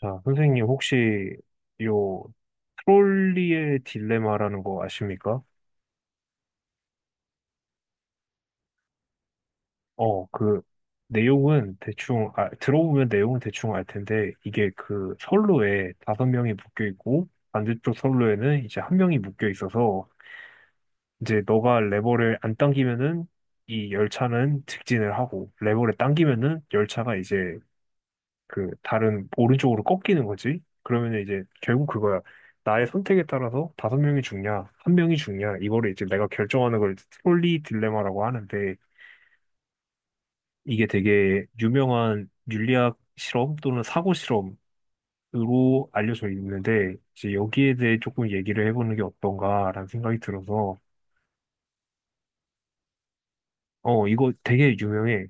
자, 선생님 혹시 요 트롤리의 딜레마라는 거 아십니까? 어, 그 내용은 대충 들어보면 내용은 대충 알 텐데 이게 그 선로에 다섯 명이 묶여 있고 반대쪽 선로에는 이제 한 명이 묶여 있어서 이제 너가 레버를 안 당기면은 이 열차는 직진을 하고 레버를 당기면은 열차가 이제 그 다른 오른쪽으로 꺾이는 거지. 그러면 이제 결국 그거야. 나의 선택에 따라서 다섯 명이 죽냐, 한 명이 죽냐, 이거를 이제 내가 결정하는 걸 트롤리 딜레마라고 하는데 이게 되게 유명한 윤리학 실험 또는 사고 실험으로 알려져 있는데 이제 여기에 대해 조금 얘기를 해보는 게 어떤가라는 생각이 들어서 이거 되게 유명해.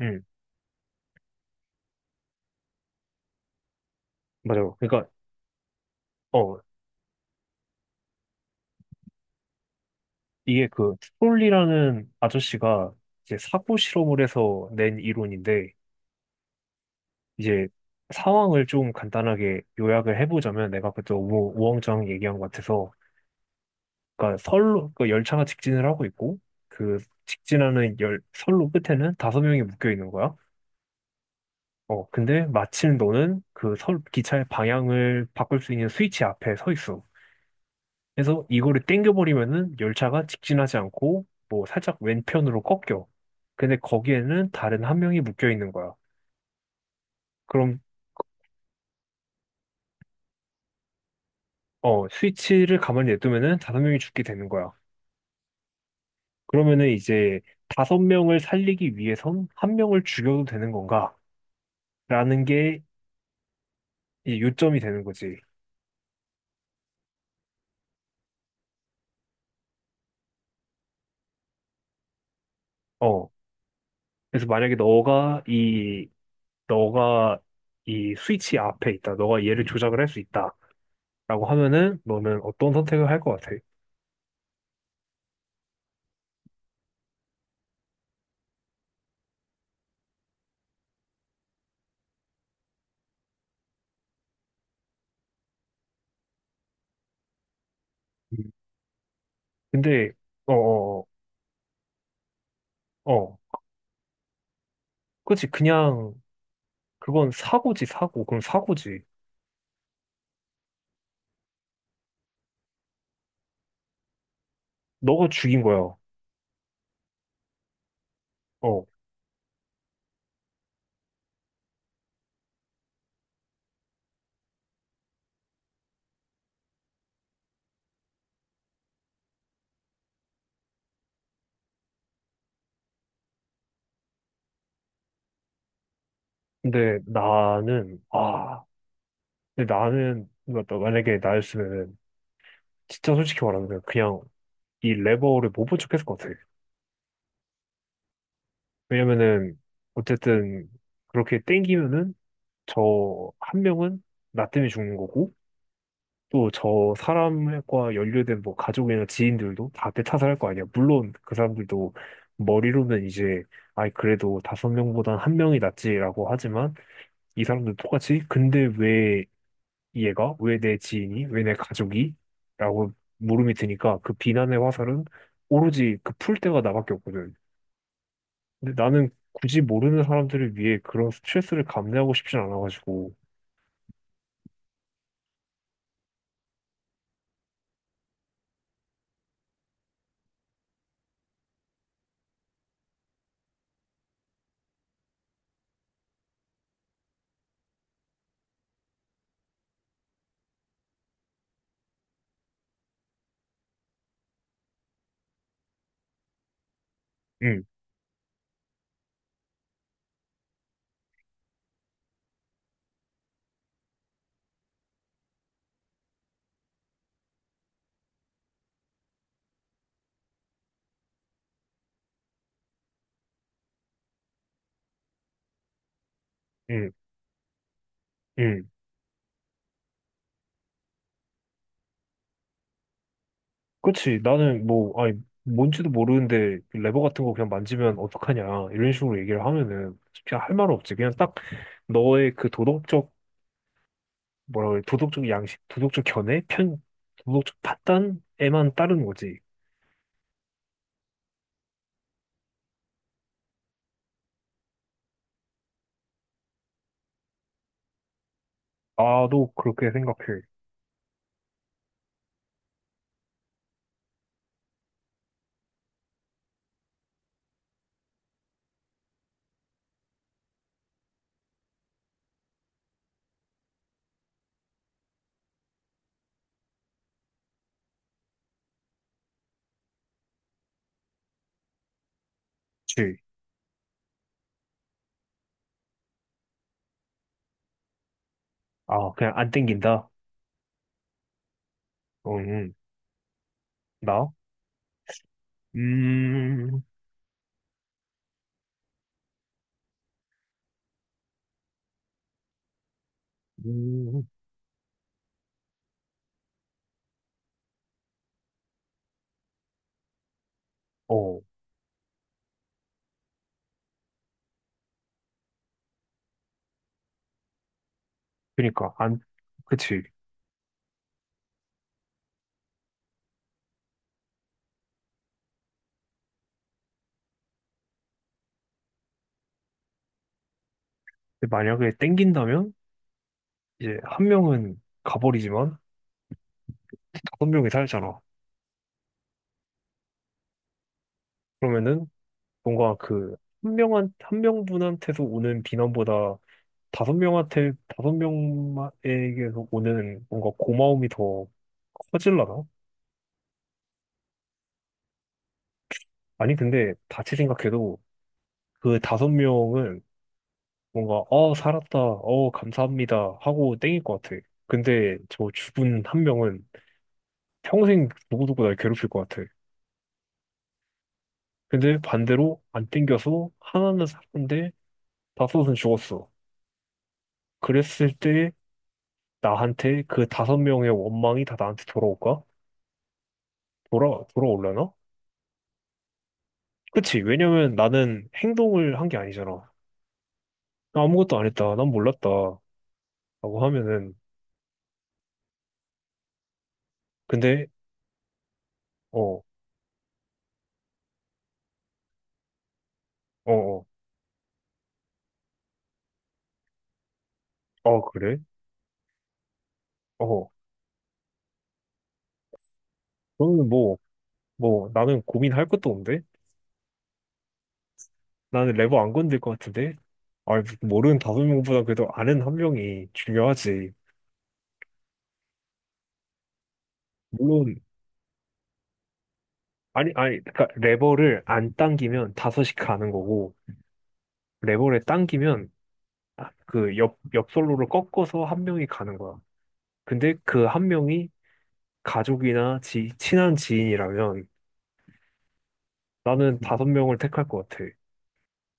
응, 맞아요. 그러니까 어 이게 그 트롤리라는 아저씨가 이제 사고 실험을 해서 낸 이론인데 이제 상황을 좀 간단하게 요약을 해보자면 내가 그때 우왕좌 왕 얘기한 것 같아서 그러니까 선로 그 열차가 직진을 하고 있고 그 직진하는 열 선로 끝에는 다섯 명이 묶여 있는 거야. 근데 마침 너는 그 선 기차의 방향을 바꿀 수 있는 스위치 앞에 서 있어. 그래서 이거를 땡겨버리면은 열차가 직진하지 않고 뭐 살짝 왼편으로 꺾여. 근데 거기에는 다른 한 명이 묶여 있는 거야. 그럼. 스위치를 가만히 냅두면은 다섯 명이 죽게 되는 거야. 그러면은 이제 다섯 명을 살리기 위해선 한 명을 죽여도 되는 건가? 라는 게 이제 요점이 되는 거지. 어. 그래서 만약에 너가 이 스위치 앞에 있다. 너가 얘를 조작을 할 수 있다. 라고 하면은 너는 어떤 선택을 할 것 같아? 음. 근데, 어, 어, 어. 어. 그치. 그냥, 그건 사고지, 사고. 그럼 사고지. 너가 죽인 거야. 어. 근데 나는, 아. 근데 나는, 그러니까 만약에 나였으면 진짜 솔직히 말하면 그냥 이 레버를 못 본 척했을 것 같아요. 왜냐면은 어쨌든 그렇게 땡기면은 저 한 명은 나 때문에 죽는 거고 또 저 사람과 연루된 뭐 가족이나 지인들도 다 대타살할 거 아니야. 물론 그 사람들도 머리로는 이제 아이 그래도 다섯 명보단 한 명이 낫지라고 하지만 이 사람들 똑같이 근데 왜 얘가? 왜 내 지인이? 왜 내 가족이? 라고 물음이 드니까 그 비난의 화살은 오로지 그 풀 때가 나밖에 없거든. 근데 나는 굳이 모르는 사람들을 위해 그런 스트레스를 감내하고 싶진 않아가지고. 응, 응, 응. 그치. 나는 뭐, 아니, 뭔지도 모르는데 그 레버 같은 거 그냥 만지면 어떡하냐. 이런 식으로 얘기를 하면은 그냥 할 말은 없지. 그냥 딱 너의 그 도덕적, 뭐라 그래, 도덕적 양식, 도덕적 견해, 편, 도덕적 판단에만 따른 거지. 나도 그렇게 생각해. 줄. 아, 그냥 안 땡긴다. 응, 나? 음, 음, 어, 그니까, 안, 그치. 근데 만약에 땡긴다면, 이제 한 명은 가버리지만, 다섯 명이 살잖아. 그러면은, 뭔가 그, 한 명한, 한 명분한테서 오는 비난보다, 다섯 명한테, 다섯 명에게서 오는 뭔가 고마움이 더 커질라나? 아니, 근데, 다시 생각해도, 그 다섯 명은 뭔가, 아, 살았다. 어, 감사합니다. 하고 땡길 것 같아. 근데 저 죽은 한 명은 평생 누구누구 날 괴롭힐 것 같아. 근데 반대로 안 땡겨서 하나는 살았는데 다섯은 죽었어. 그랬을 때 나한테 그 다섯 명의 원망이 다 나한테 돌아올까? 돌아올려나? 그치. 왜냐면 나는 행동을 한 게 아니잖아. 나 아무것도 안 했다. 난 몰랐다. 라고 하면은. 근데, 어, 어, 어, 어, 그래? 어. 그러면 뭐, 나는 고민할 것도 없는데? 나는 레버 안 건들 것 같은데? 아, 모르는 다섯 명보다 그래도 아는 한 명이 중요하지. 물론, 아니, 아니, 그러니까 레버를 안 당기면 다섯이 가는 거고, 레버를 당기면 아, 그 옆솔로를 꺾어서 한 명이 가는 거야. 근데 그 한 명이 친한 지인이라면 나는 다섯 명을 택할 것 같아.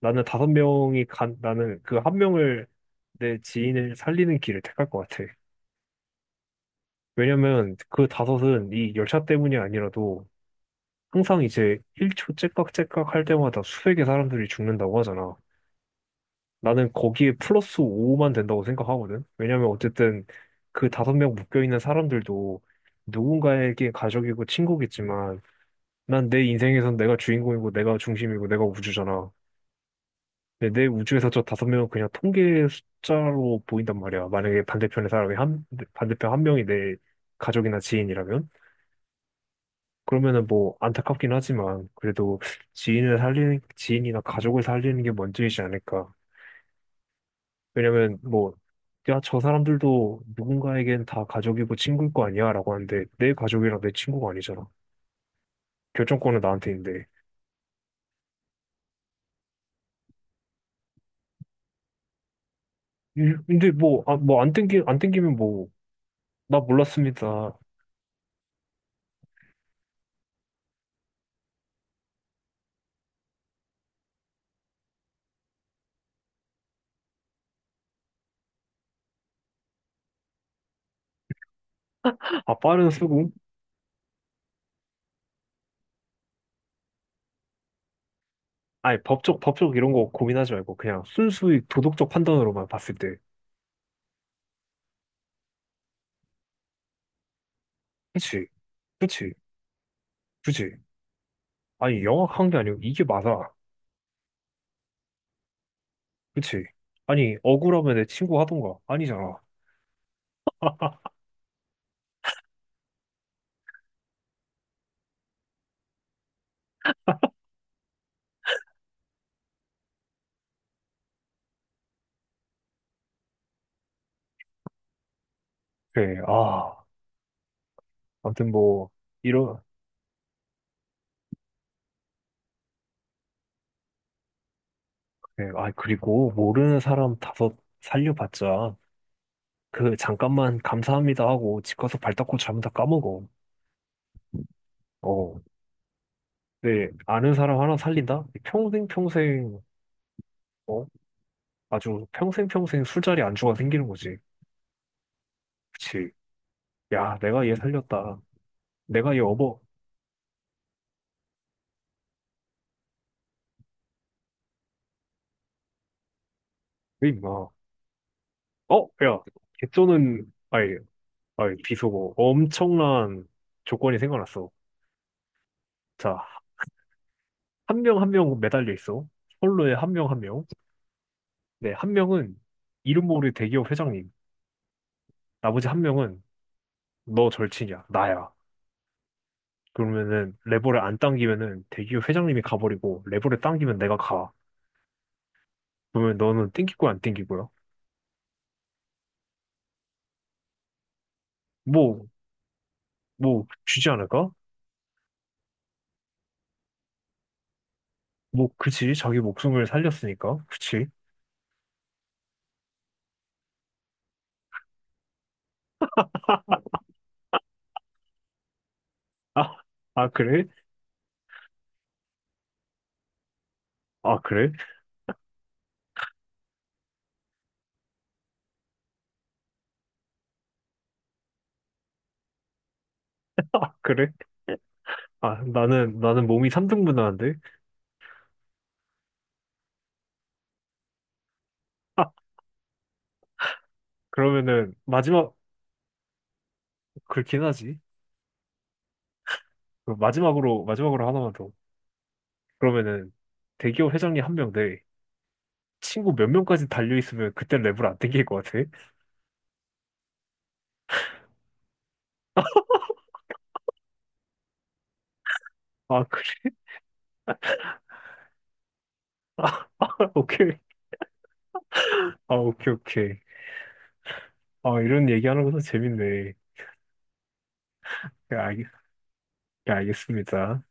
나는 다섯 명이 간, 나는 그 한 명을 내 지인을 살리는 길을 택할 것 같아. 왜냐면 그 다섯은 이 열차 때문이 아니라도 항상 이제 1초 째깍째깍 할 때마다 수백의 사람들이 죽는다고 하잖아. 나는 거기에 플러스 5만 된다고 생각하거든. 왜냐면 어쨌든 그 다섯 명 묶여있는 사람들도 누군가에게 가족이고 친구겠지만 난 내 인생에선 내가 주인공이고 내가 중심이고 내가 우주잖아. 근데 내 우주에서 저 다섯 명은 그냥 통계 숫자로 보인단 말이야. 만약에 반대편의 사람이 한, 반대편 한 명이 내 가족이나 지인이라면. 그러면은 뭐 안타깝긴 하지만 그래도 지인을 살리는 지인이나 가족을 살리는 게 먼저이지 않을까. 왜냐면 뭐 야, 저 사람들도 누군가에겐 다 가족이고 친구일 거 아니야? 라고 하는데 내 가족이랑 내 친구가 아니잖아. 결정권은 나한테 있는데. 근데 뭐, 아, 안 땡기면 뭐, 나 몰랐습니다. 아, 빠른 수긍? 아니, 법적 이런 거 고민하지 말고 그냥 순수히 도덕적 판단으로만 봤을 때. 그치, 그치, 그치. 아니, 영악한 게 아니고 이게 맞아. 그치? 아니, 억울하면 내 친구 하던가. 아니잖아. 그래, 아, 아무튼 뭐, 이런, 그래, 아, 그리고 모르는 사람 다섯 살려봤자, 그, 잠깐만 감사합니다 하고 집 가서 발 닦고 자면 다 까먹어. 어, 네, 아는 사람 하나 살린다? 평생 평생, 어, 아주 평생 평생 술자리 안주가 생기는 거지. 그치? 야, 내가 얘 살렸다. 내가 얘 업어. 왜 임마. 어, 야, 개쩌는, 아이, 아이, 비속어. 엄청난 조건이 생겨났어. 자, 한 명 한 명 매달려 있어. 선로에 한 명 한 명. 네, 한 명은 이름 모를 대기업 회장님. 나머지 한 명은 너 절친이야. 나야. 그러면은 레버를 안 당기면은 대기업 회장님이 가버리고 레버를 당기면 내가 가. 그러면 너는 땡길 거야, 안 땡길 거야? 뭐, 주지 않을까? 뭐, 그치. 자기 목숨을 살렸으니까. 그치. 아, 아, 그래? 아, 그래? 아, 그래? 아, 나는 몸이 3등분 하는데? 아, 그러면은 마지막, 그렇긴 하지. 그럼 마지막으로, 마지막으로 하나만 더. 그러면은, 대기업 회장님 한 명 대 친구 몇 명까지 달려있으면 그때 랩을 안 땡길 것 같아? 아, 그래. 아, 오케이. 아, 오케이, 오케이. 아, 이런 얘기하는 것도 재밌네. 예, 알, 예, 알겠습니다.